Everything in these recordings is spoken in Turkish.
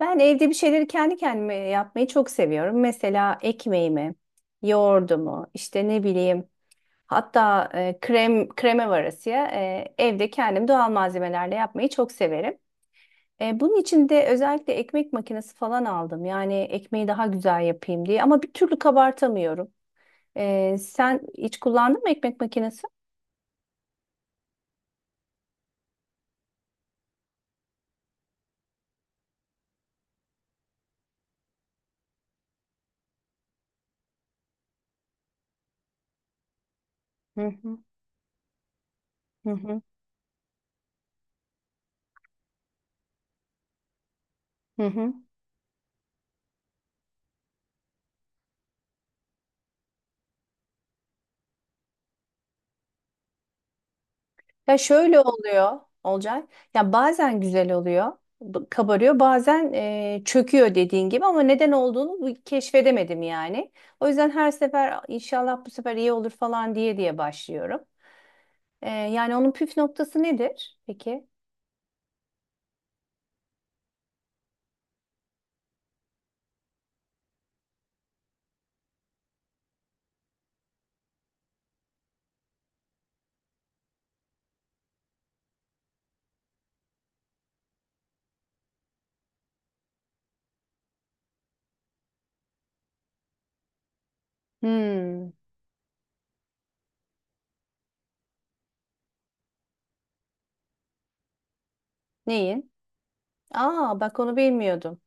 Ben evde bir şeyleri kendi kendime yapmayı çok seviyorum. Mesela ekmeğimi, yoğurdumu, işte ne bileyim, hatta krem kreme varasıya evde kendim doğal malzemelerle yapmayı çok severim. Bunun için de özellikle ekmek makinesi falan aldım. Yani ekmeği daha güzel yapayım diye ama bir türlü kabartamıyorum. Sen hiç kullandın mı ekmek makinesi? Hı hı hı hı. Hı hı. Ya şöyle oluyor olacak. Ya bazen güzel oluyor, kabarıyor, bazen çöküyor dediğin gibi ama neden olduğunu keşfedemedim yani. O yüzden her sefer inşallah bu sefer iyi olur falan diye diye başlıyorum. Yani onun püf noktası nedir peki? Hmm, neyin? Aa, bak onu bilmiyordum.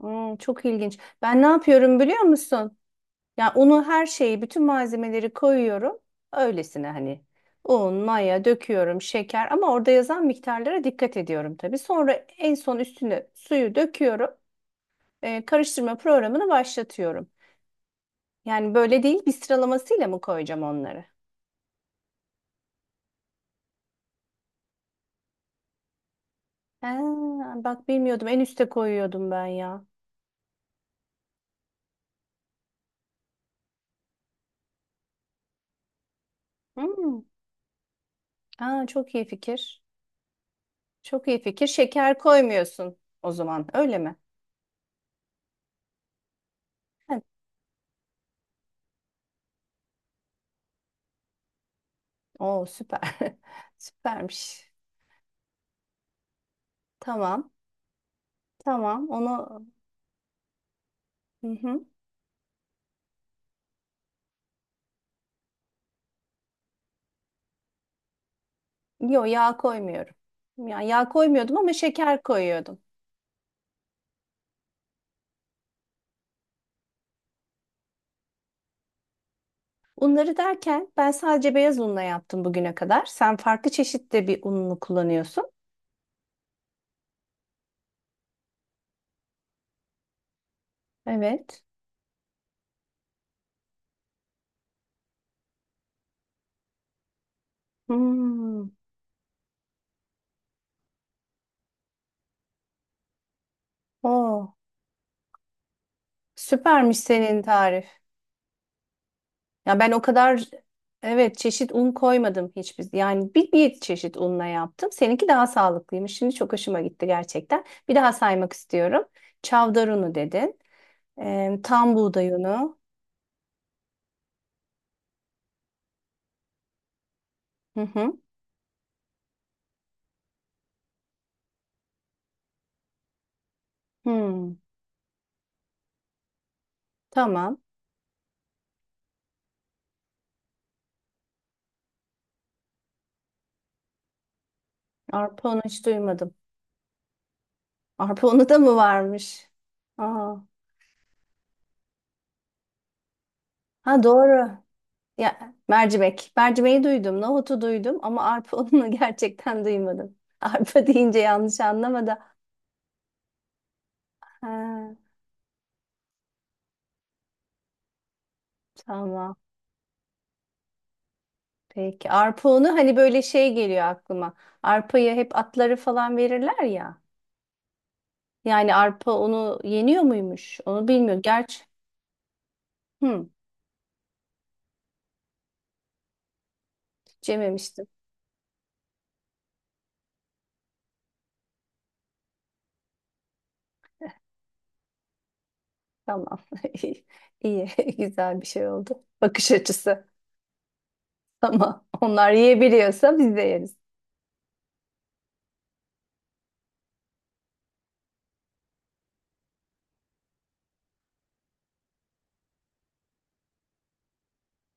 Hmm, çok ilginç. Ben ne yapıyorum biliyor musun? Yani unu her şeyi, bütün malzemeleri koyuyorum. Öylesine hani un, maya döküyorum, şeker, ama orada yazan miktarlara dikkat ediyorum tabii. Sonra en son üstüne suyu döküyorum. Karıştırma programını başlatıyorum. Yani böyle değil, bir sıralamasıyla mı koyacağım onları? Ha, bak bilmiyordum. En üste koyuyordum ben ya. Hmm. Aa, çok iyi fikir. Çok iyi fikir. Şeker koymuyorsun o zaman, öyle mi? Ha, oo süper. Süpermiş. Tamam. Tamam onu. Hı hı. Yo, yağ koymuyorum. Yani yağ koymuyordum ama şeker koyuyordum. Unları derken ben sadece beyaz unla yaptım bugüne kadar. Sen farklı çeşitte bir ununu kullanıyorsun. Evet. Hmm. Oo, süpermiş senin tarif. Ya ben o kadar evet çeşit un koymadım hiçbir. Yani bir çeşit unla yaptım. Seninki daha sağlıklıymış. Şimdi çok hoşuma gitti gerçekten. Bir daha saymak istiyorum. Çavdar unu dedin. Tam buğday unu. Hı hı. Hmm, tamam. Arpa onu hiç duymadım. Arpa onu da mı varmış? Aa, ha, doğru. Ya mercimek. Mercimeği duydum, nohutu duydum ama arpa ununu gerçekten duymadım. Arpa deyince yanlış anlama da. Ha, tamam. Peki. Arpa unu hani böyle şey geliyor aklıma. Arpayı hep atları falan verirler ya. Yani arpa onu yeniyor muymuş? Onu bilmiyorum. Gerçi hmm, hiç yememiştim. Tamam. İyi, iyi. Güzel bir şey oldu. Bakış açısı. Tamam. Onlar yiyebiliyorsa biz de yeriz.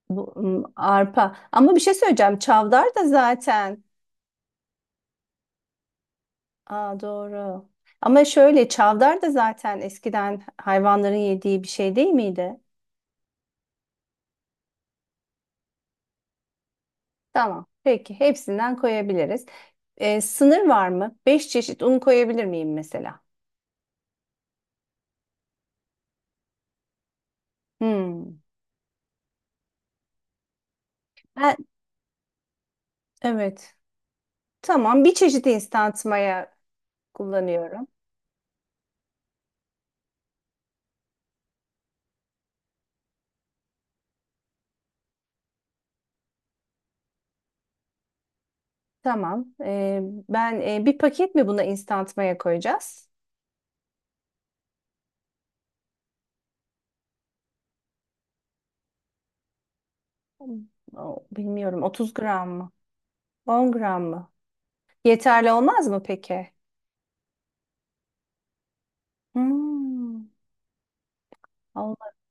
Bu arpa. Ama bir şey söyleyeceğim. Çavdar da zaten. Aa, doğru. Ama şöyle çavdar da zaten eskiden hayvanların yediği bir şey değil miydi? Tamam. Peki. Hepsinden koyabiliriz. Sınır var mı? Beş çeşit un koyabilir miyim mesela? Hmm. Ben, evet. Tamam. Bir çeşit instant maya kullanıyorum. Tamam. Ben bir paket mi buna instant maya koyacağız? Bilmiyorum. 30 gram mı? 10 gram mı? Yeterli olmaz mı peki? Hmm, Olmaz.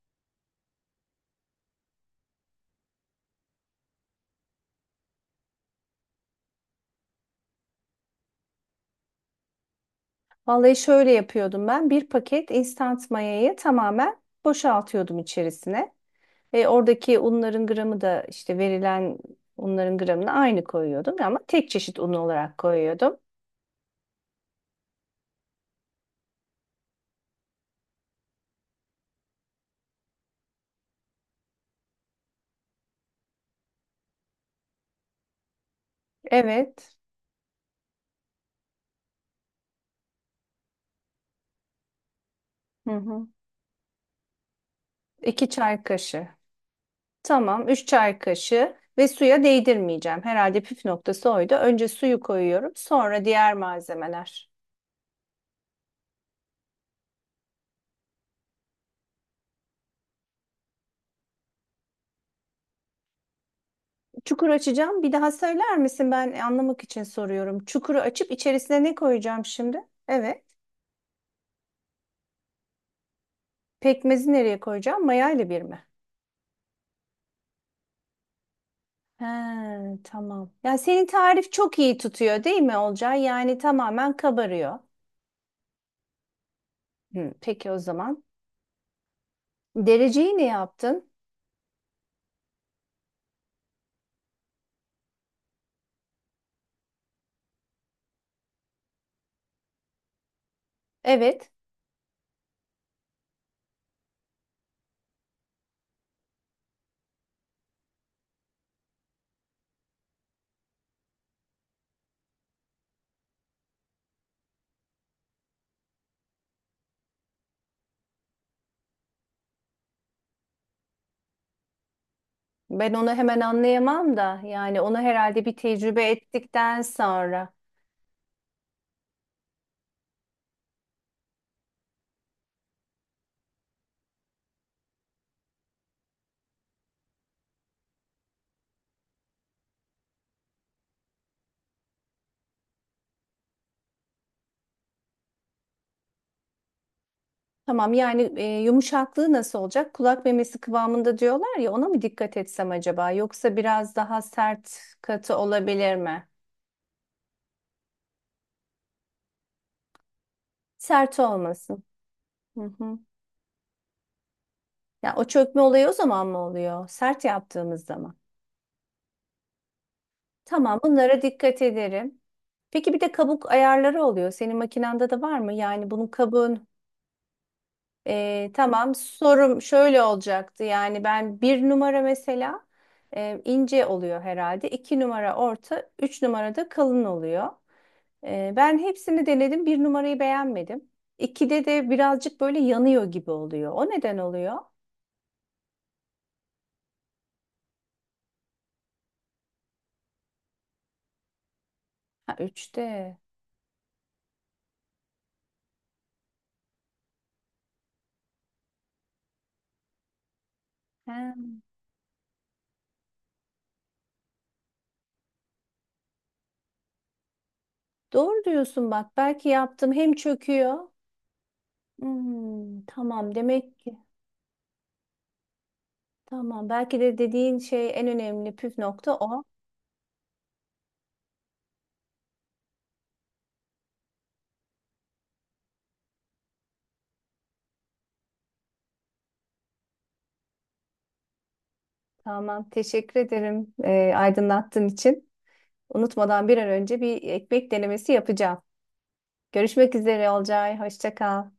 Vallahi şöyle yapıyordum ben. Bir paket instant mayayı tamamen boşaltıyordum içerisine. Ve oradaki unların gramı da işte verilen unların gramına aynı koyuyordum ama tek çeşit un olarak koyuyordum. Evet. Hı hı. İki çay kaşığı. Tamam, 3 çay kaşığı ve suya değdirmeyeceğim. Herhalde püf noktası oydu. Önce suyu koyuyorum, sonra diğer malzemeler. Çukur açacağım. Bir daha söyler misin? Ben anlamak için soruyorum. Çukuru açıp içerisine ne koyacağım şimdi? Evet. Pekmezi nereye koyacağım? Mayayla bir mi? He, tamam. Ya senin tarif çok iyi tutuyor değil mi, Olcay? Yani tamamen kabarıyor. Hı, peki o zaman. Dereceyi ne yaptın? Evet. Ben onu hemen anlayamam da yani onu herhalde bir tecrübe ettikten sonra. Tamam yani yumuşaklığı nasıl olacak? Kulak memesi kıvamında diyorlar ya, ona mı dikkat etsem acaba? Yoksa biraz daha sert, katı olabilir mi? Sert olmasın. Hı hı. Ya o çökme olayı o zaman mı oluyor? Sert yaptığımız zaman. Tamam, bunlara dikkat ederim. Peki bir de kabuk ayarları oluyor. Senin makinanda da var mı? Yani bunun kabuğun. Tamam, sorum şöyle olacaktı, yani ben bir numara mesela ince oluyor herhalde. İki numara orta, üç numara da kalın oluyor. Ben hepsini denedim, bir numarayı beğenmedim. İkide de birazcık böyle yanıyor gibi oluyor. O neden oluyor? Ha, üçte. Ha, doğru diyorsun, bak belki yaptım hem çöküyor. Tamam, demek ki tamam belki de dediğin şey en önemli püf nokta o. Tamam, teşekkür ederim aydınlattığın için. Unutmadan bir an önce bir ekmek denemesi yapacağım. Görüşmek üzere, Olcay. Hoşça kal.